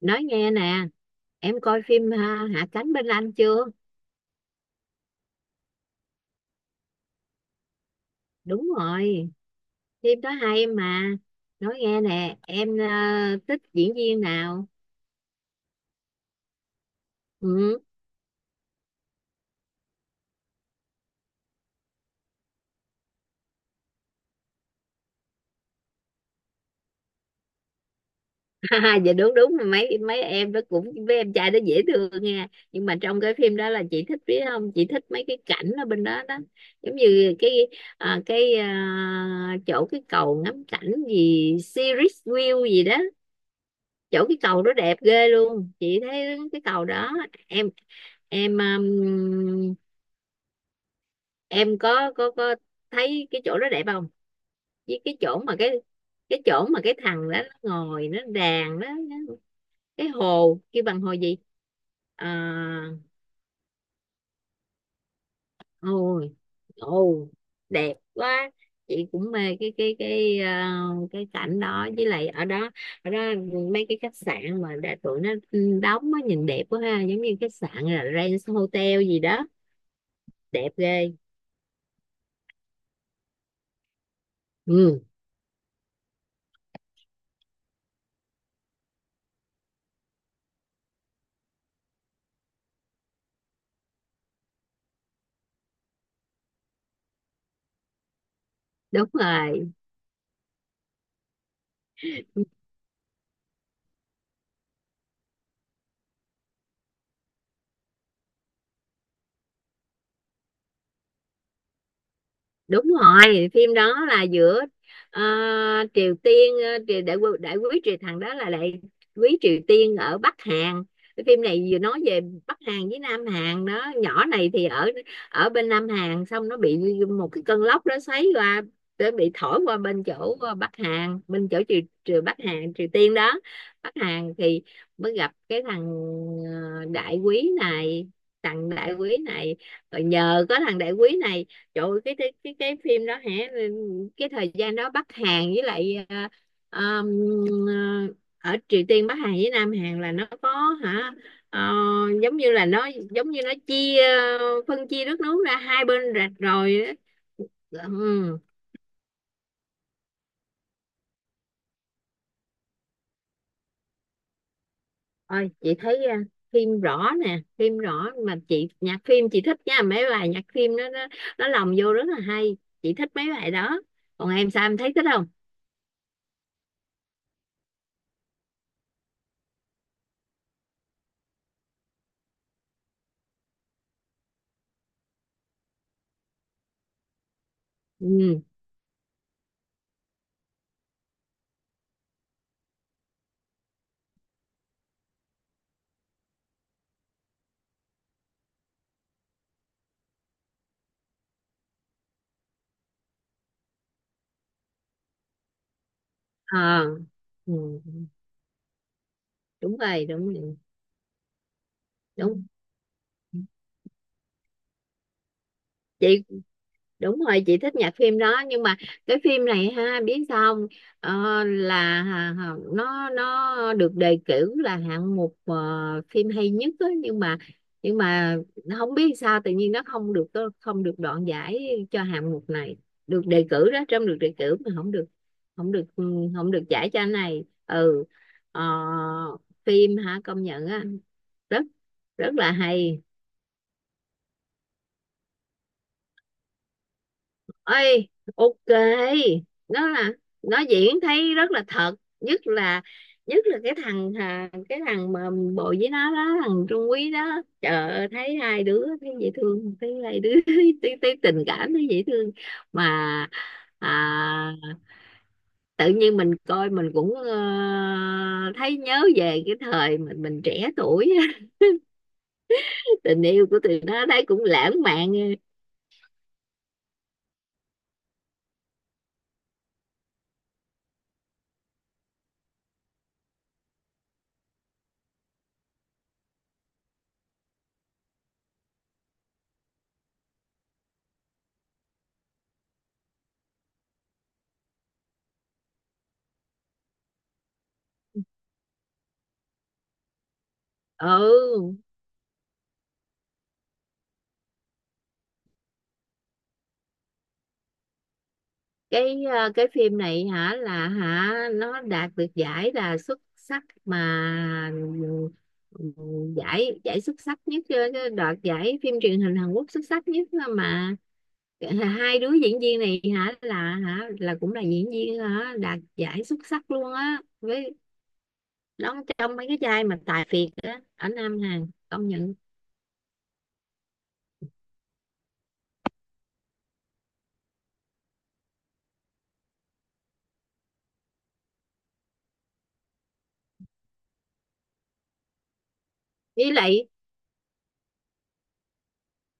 Nói nghe nè, em coi phim ha, Hạ cánh bên Anh chưa? Đúng rồi. Phim đó hay mà. Nói nghe nè em, thích diễn viên nào? Ừ. Dạ đúng đúng, mấy mấy em đó cũng, với em trai đó dễ thương nha. Nhưng mà trong cái phim đó là chị thích, biết không, chị thích mấy cái cảnh ở bên đó đó. Giống như cái ờ, cái ờ, chỗ cái cầu ngắm cảnh gì, Series View gì đó. Chỗ cái cầu đó đẹp ghê luôn, chị thấy cái cầu đó. Em em um, em có thấy cái chỗ đó đẹp không? Với cái chỗ mà cái chỗ mà cái thằng đó nó ngồi nó đàn đó, cái hồ kêu bằng hồ gì? À, ôi, ồ, đẹp quá. Chị cũng mê cái cảnh đó, với lại ở đó, ở đó, mấy cái khách sạn mà đã tụi nó đóng á, nhìn đẹp quá ha, giống như khách sạn là Rance Hotel gì đó. Đẹp ghê. Ừ, đúng rồi, đúng rồi. Phim đó là giữa ờ, Triều Tiên, triều đại, đại quý triều, thằng đó là đại quý Triều Tiên ở Bắc Hàn. Cái phim này vừa nói về Bắc Hàn với Nam Hàn đó. Nhỏ này thì ở ở bên Nam Hàn, xong nó bị một cái cơn lốc đó xoáy qua, để bị thổi qua bên chỗ Bắc Hàn, bên chỗ triều Bắc Hàn, Triều Tiên đó. Bắc Hàn thì mới gặp cái thằng đại quý này, thằng đại quý này, rồi nhờ có thằng đại quý này. Trời ơi, cái phim đó hả? Ừ, cái thời gian đó, Bắc Hàn với lại ờm, ờ, ở Triều Tiên, Bắc Hàn với Nam Hàn là nó có hả, ờ, giống như nó chia, phân chia đất nước ra hai bên rạch rồi á. Ừ. Ôi, chị thấy phim rõ nè, phim rõ mà chị, nhạc phim chị thích nha, mấy bài nhạc phim nó nó lồng vô rất là hay. Chị thích mấy bài đó. Còn em sao, em thấy thích không? Ừ. Ờ. Ừ. Ừ, đúng rồi, đúng rồi. Đúng. Chị, đúng rồi, chị thích nhạc phim đó. Nhưng mà cái phim này ha, biết sao không? Ờ, là nó được đề cử là hạng mục phim hay nhất á, nhưng mà nó không biết sao, tự nhiên nó không được đoạn giải cho hạng mục này. Được đề cử đó, trong được đề cử mà không được không được giải cho anh này. Ừ. Ờ, phim hả, công nhận á, rất rất là hay. Ơi, ok. Nó là nó diễn thấy rất là thật. Nhất là nhất là cái thằng mà bộ với nó đó, thằng Trung Quý đó. Trời ơi, thấy hai đứa thấy dễ thương, thấy hai đứa thấy tình cảm, thấy dễ thương. Mà à, tự nhiên mình coi, mình cũng thấy nhớ về cái thời mình trẻ tuổi. Tình yêu của tụi nó thấy cũng lãng mạn. Ừ, cái phim này hả là hả, nó đạt được giải là xuất sắc mà. Ừ, giải giải xuất sắc nhất, cái đoạt giải phim truyền hình Hàn Quốc xuất sắc nhất là mà, hai đứa diễn viên này hả là cũng là diễn viên hả, đạt giải xuất sắc luôn á, với đóng trong mấy cái vai mà tài phiệt á ở Nam Hàn, công nhận. Với lại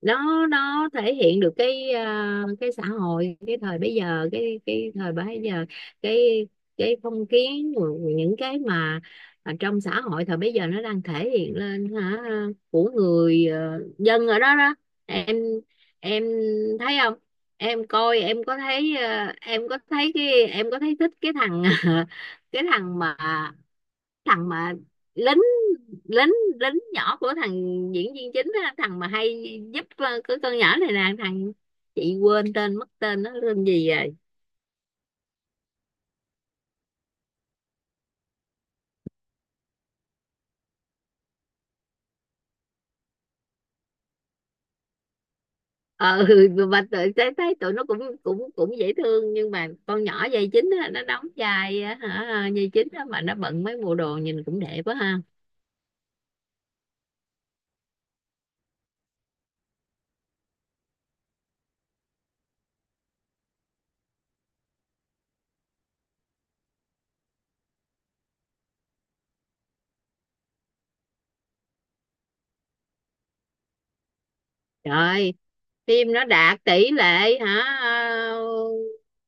nó thể hiện được cái cái xã hội, cái thời bây giờ, cái thời bây giờ, cái cái phong kiến, những cái mà ở trong xã hội thời bây giờ nó đang thể hiện lên hả, của người dân ở đó đó. Em em thấy không? Em coi em có thấy, em có thấy cái, em có thấy thích cái thằng, cái thằng mà lính lính lính nhỏ của thằng diễn viên chính á, thằng mà hay giúp cái con nhỏ này nè, thằng, chị quên tên mất, tên nó tên gì rồi. Ờ, mà tự thấy thấy tụi nó cũng cũng cũng dễ thương, nhưng mà con nhỏ vai chính á, nó đóng vai á, hả vai chính á, mà nó bận mấy bộ đồ nhìn cũng đẹp quá ha. Trời, phim nó đạt tỷ lệ hả,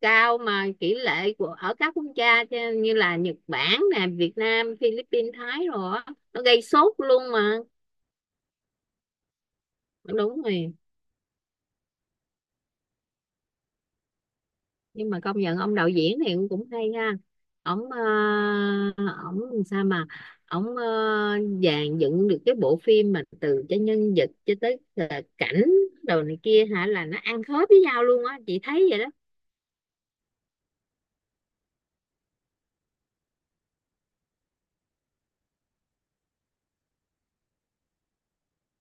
cao mà. Tỷ lệ của ở các quốc gia chứ, như là Nhật Bản nè, Việt Nam, Philippines, Thái rồi á, nó gây sốt luôn mà. Ờ, đúng rồi. Nhưng mà công nhận ông đạo diễn thì cũng hay ha. Ông uh, ông sao mà, ông dàn dựng được cái bộ phim mà, từ cho nhân vật cho tới cảnh, đồ này kia hả, là nó ăn khớp với nhau luôn á, chị thấy vậy đó.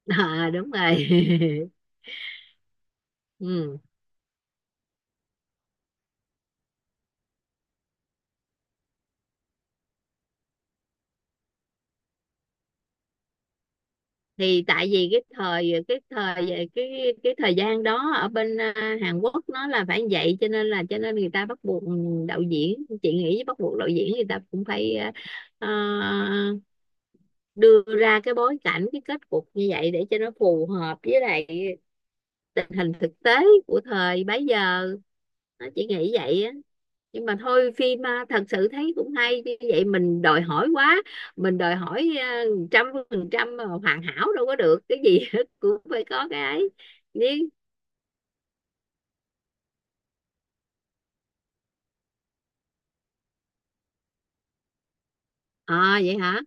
À, đúng rồi. Ừ, thì tại vì cái thời về cái thời gian đó ở bên Hàn Quốc, nó là phải như vậy, cho nên người ta bắt buộc đạo diễn, chị nghĩ bắt buộc đạo diễn người ta cũng phải à, đưa ra cái bối cảnh, cái kết cục như vậy, để cho nó phù hợp với lại tình hình thực tế của thời bấy giờ. Nó chỉ nghĩ vậy á. Nhưng mà thôi phim thật sự thấy cũng hay như vậy, mình đòi hỏi quá, mình đòi hỏi trăm phần trăm mà hoàn hảo đâu, có được cái gì cũng phải có cái ấy nhưng. À, vậy hả?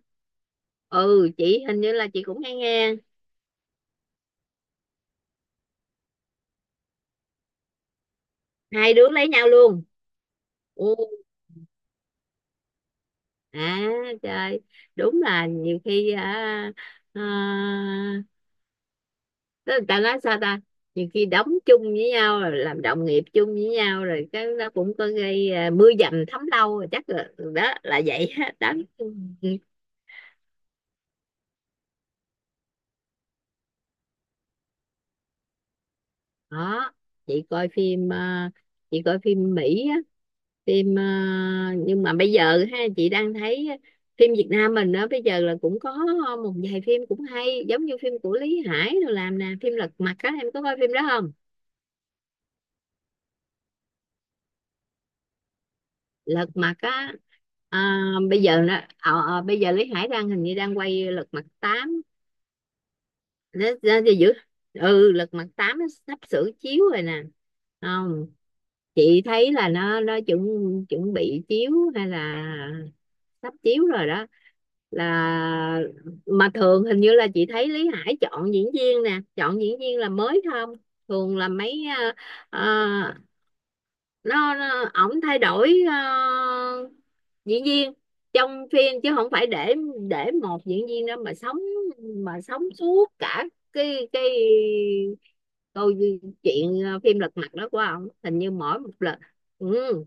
Ừ, chị hình như là chị cũng hay nghe. Hai đứa lấy nhau luôn? Ừ. À, trời, đúng là nhiều khi à, tức là, ta nói sao ta, nhiều khi đóng chung với nhau rồi làm đồng nghiệp chung với nhau rồi, cái nó cũng có gây, mưa dầm thấm lâu rồi chắc là đó là vậy á, đó. Đó, chị coi phim, chị coi phim Mỹ á, phim nhưng mà bây giờ ha, chị đang thấy phim Việt Nam mình á, bây giờ là cũng có một vài phim cũng hay, giống như phim của Lý Hải rồi làm nè, phim Lật Mặt á, em có coi phim đó không? Lật Mặt á. À, bây giờ bây giờ Lý Hải đang hình như đang quay Lật Mặt tám. Nó giữ. Ừ, Lật Mặt 8 nó sắp sửa chiếu rồi nè. Không, chị thấy là nó chuẩn chuẩn bị chiếu, hay là sắp chiếu rồi đó, là mà thường hình như là chị thấy Lý Hải chọn diễn viên nè, chọn diễn viên là mới không, thường là mấy ờ, nó ổng thay đổi diễn viên trong phim, chứ không phải để một diễn viên đó mà sống, suốt cả cái câu chuyện, phim Lật Mặt đó của ông, hình như mỗi một lần. Ừ,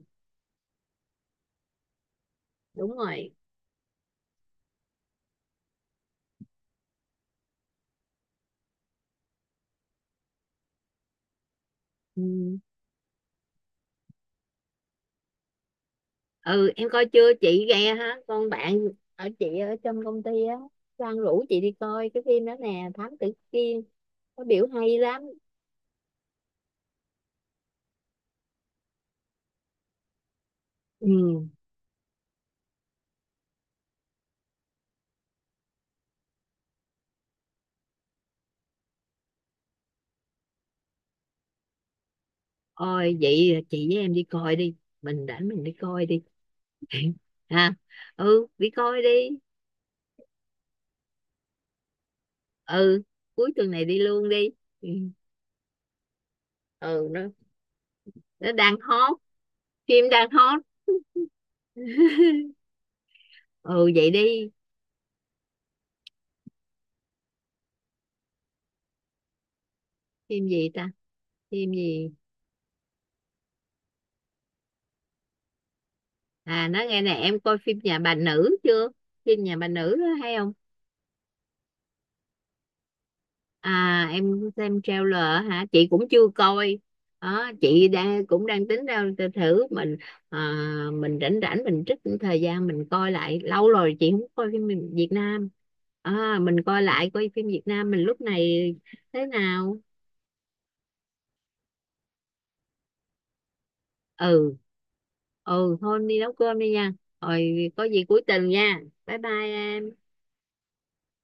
đúng rồi. Ừ. Ừ, em coi chưa? Chị ghe hả, con bạn ở chị, ở trong công ty á, Sang rủ chị đi coi cái phim đó nè, Thám Tử Kiên, có biểu hay lắm. Ừ. Ôi, vậy chị với em đi coi đi. Mình rảnh mình đi coi đi ha. Ừ, đi coi đi. Ừ, cuối tuần này đi luôn đi. Ừ. Ừ, nó đang hot. Phim đang hot. Ừ, vậy đi. Phim gì ta? Phim gì? À, nói nghe nè, em coi phim Nhà bà nữ chưa? Phim Nhà bà nữ đó hay không? À, em xem trailer hả? Chị cũng chưa coi. Đó, chị đang cũng đang tính ra, thử mình, à, mình rảnh rảnh mình trích thời gian mình coi lại, lâu rồi chị không coi phim Việt Việt Nam. À, mình coi lại, coi phim Việt Nam mình lúc này thế nào. Ừ, ừ, thôi đi nấu cơm đi nha. Rồi, có gì cuối tuần nha. Bye bye em.